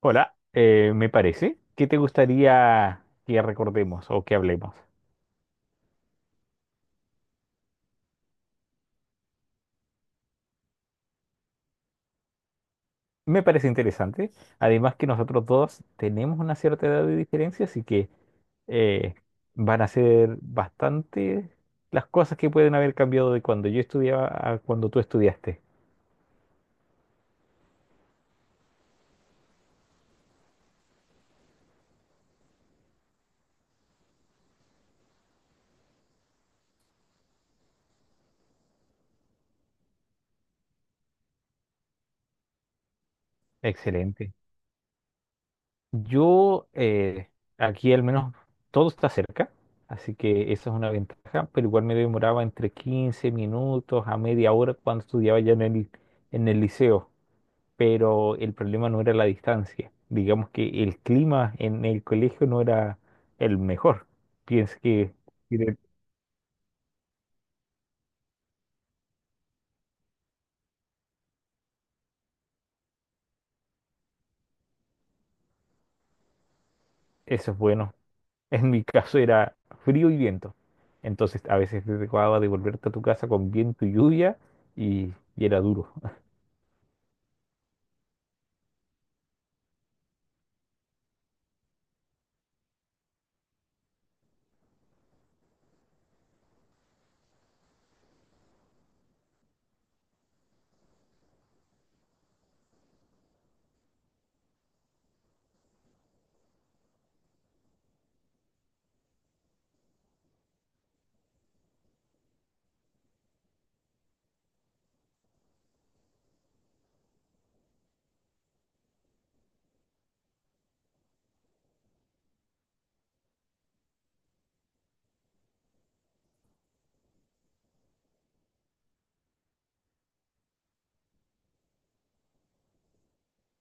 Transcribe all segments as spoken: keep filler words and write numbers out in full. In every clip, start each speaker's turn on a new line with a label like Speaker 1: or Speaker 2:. Speaker 1: Hola, eh, me parece. ¿Qué te gustaría que recordemos o que hablemos? Me parece interesante. Además que nosotros dos tenemos una cierta edad de diferencia, así que eh, van a ser bastante las cosas que pueden haber cambiado de cuando yo estudiaba a cuando tú estudiaste. Excelente. Yo, eh, aquí al menos todo está cerca, así que esa es una ventaja, pero igual me demoraba entre quince minutos a media hora cuando estudiaba ya en el, en el liceo. Pero el problema no era la distancia. Digamos que el clima en el colegio no era el mejor. Pienso que tiene- eso es bueno. En mi caso era frío y viento. Entonces a veces te tocaba devolverte a tu casa con viento y lluvia y, y era duro.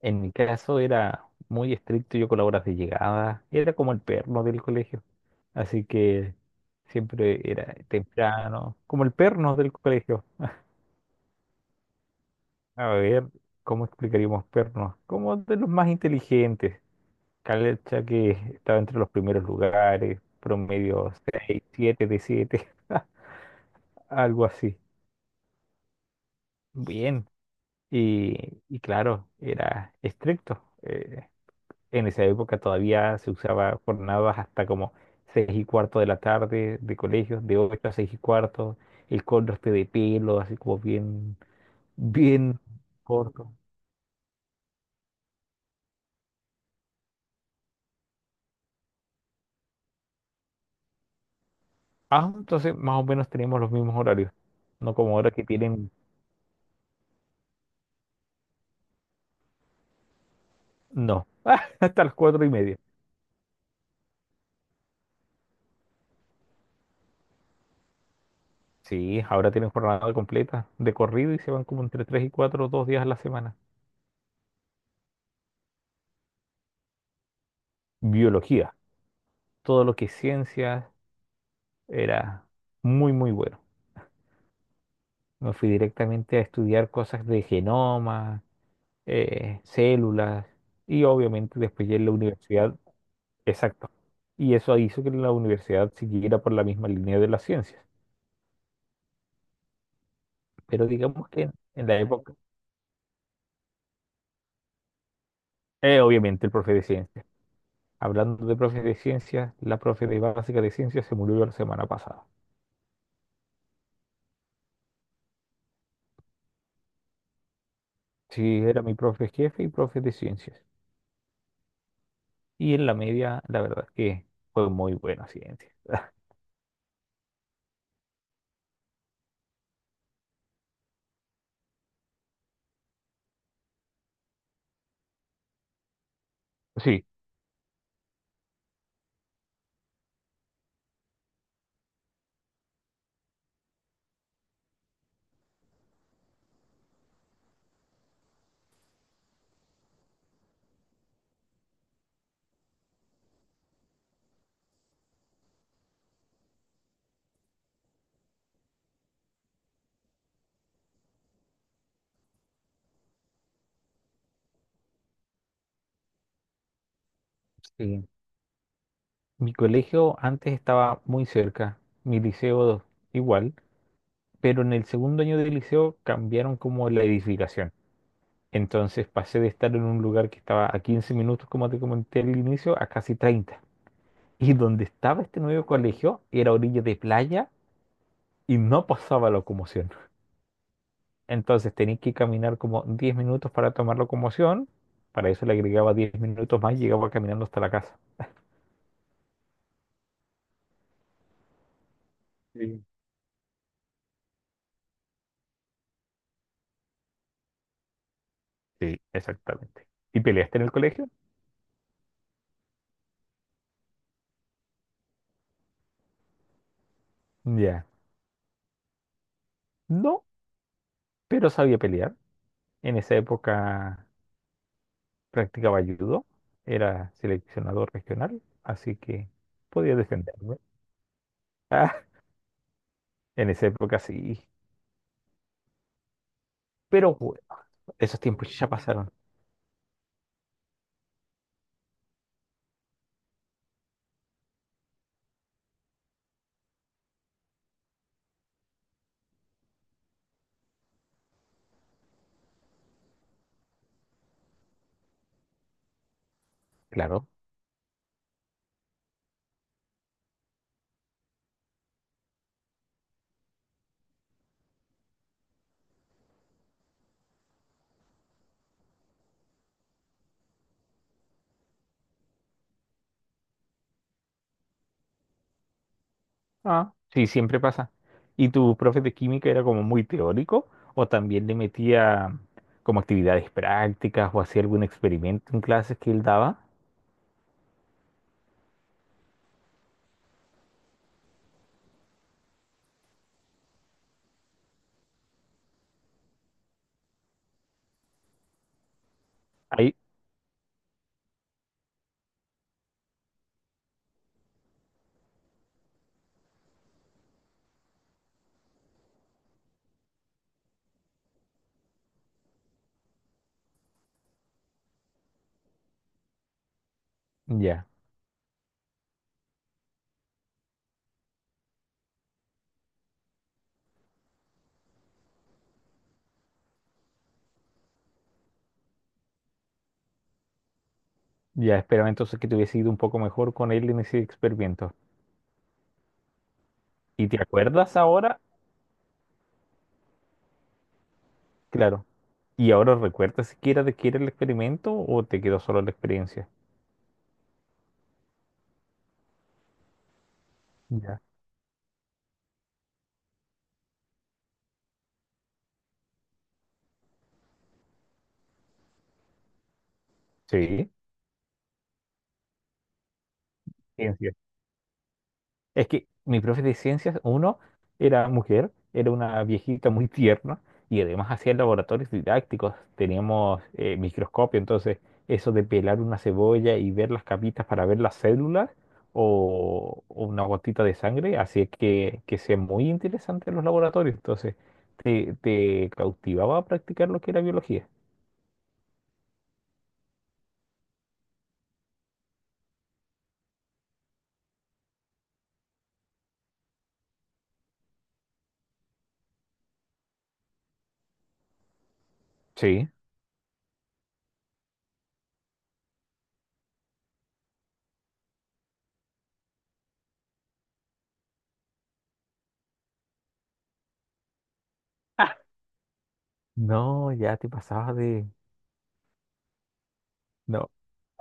Speaker 1: En mi caso era muy estricto yo con las horas de llegada. Era como el perno del colegio. Así que siempre era temprano, como el perno del colegio. A ver, ¿cómo explicaríamos pernos? Como de los más inteligentes. Calecha que estaba entre los primeros lugares, promedio seis, siete de siete, algo así. Bien. Y, y claro, era estricto. Eh, en esa época todavía se usaba jornadas hasta como seis y cuarto de la tarde de colegios, de ocho a seis y cuarto, el corte de pelo, así como bien, bien corto. Ah, entonces más o menos tenemos los mismos horarios. No como ahora que tienen. No. Hasta las cuatro y media. Sí, ahora tienen jornada completa de corrido y se van como entre tres y cuatro, dos días a la semana. Biología. Todo lo que es ciencias era muy, muy bueno. Me fui directamente a estudiar cosas de genoma, eh, células y obviamente después ya en la universidad. Exacto. Y eso hizo que la universidad siguiera por la misma línea de las ciencias. Pero digamos que en en la época. Eh, obviamente el profe de ciencias. Hablando de profe de ciencias, la profe de básica de ciencias se murió la semana pasada. Sí, era mi profe jefe y profe de ciencias. Y en la media, la verdad es que fue muy buena ciencia. Sí, sí. Mi colegio antes estaba muy cerca, mi liceo igual, pero en el segundo año del liceo cambiaron como la edificación. Entonces pasé de estar en un lugar que estaba a quince minutos, como te comenté al inicio, a casi treinta. Y donde estaba este nuevo colegio era orilla de playa y no pasaba locomoción. Entonces tenías que caminar como diez minutos para tomar locomoción. Para eso le agregaba diez minutos más y llegaba caminando hasta la casa. Sí. Sí, exactamente. ¿Y peleaste en el colegio? Ya. No, pero sabía pelear. En esa época practicaba judo. Era seleccionador regional, así que podía defenderme. Ah, en esa época sí. Pero bueno, esos tiempos ya pasaron. Claro. Ah, sí, siempre pasa. ¿Y tu profe de química era como muy teórico o también le metía mm, como actividades prácticas o hacía algún experimento en clases que él daba? Ahí, ya, ya esperaba entonces que te hubiese ido un poco mejor con él en ese experimento. ¿Y te acuerdas ahora? Claro. ¿Y ahora recuerdas siquiera de qué era el experimento o te quedó solo la experiencia? Ya. Sí. Ciencia. Es que mi profe de ciencias, uno, era mujer, era una viejita muy tierna y además hacía laboratorios didácticos. Teníamos eh, microscopio, entonces eso de pelar una cebolla y ver las capitas para ver las células o, o una gotita de sangre hacía que, que sea muy interesante los laboratorios. Entonces te, te cautivaba a practicar lo que era biología. Sí. No, ya te pasabas de... No.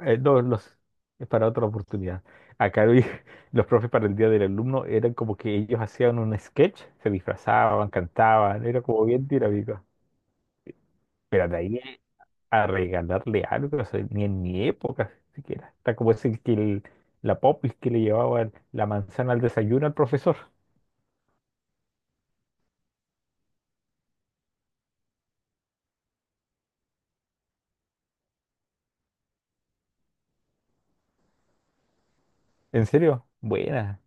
Speaker 1: Eh, no, los, es para otra oportunidad. Acá vi- los profes para el Día del Alumno eran como que ellos hacían un sketch, se disfrazaban, cantaban, era como bien dinámico. Pero de ahí a regalarle algo, o sea, ni en mi época siquiera. Está como ese que el- la popis que le llevaba la manzana al desayuno al profesor. ¿En serio? Buena,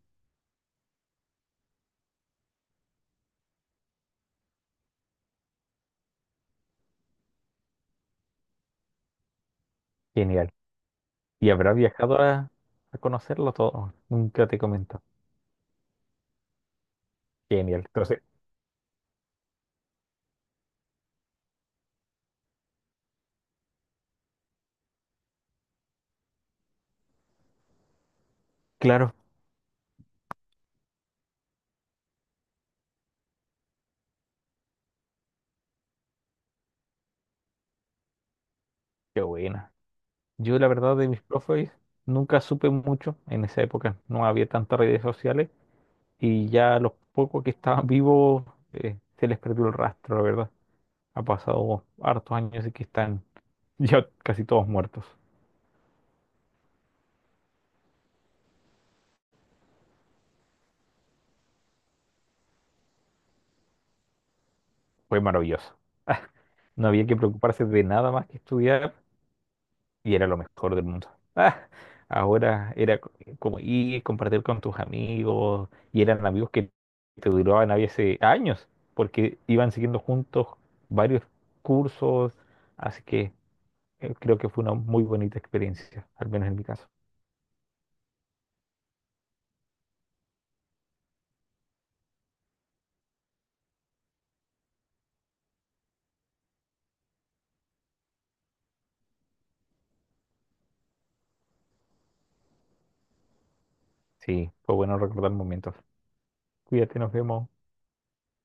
Speaker 1: genial. Y habrá viajado a, a conocerlo todo. Nunca te comentó. Genial. Entonces, claro, qué buena. Yo, la verdad, de mis profes nunca supe mucho en esa época. No había tantas redes sociales y ya los pocos que estaban vivos, eh, se les perdió el rastro, la verdad. Ha pasado hartos años y que están ya casi todos muertos. Fue maravilloso. No había que preocuparse de nada más que estudiar y era lo mejor del mundo. Ah, ahora era co- como ir, compartir con tus amigos, y eran amigos que te duraban a veces años, porque iban siguiendo juntos varios cursos, así que eh, creo que fue una muy bonita experiencia, al menos en mi caso. Sí, fue bueno recordar momentos. Cuídate, nos vemos.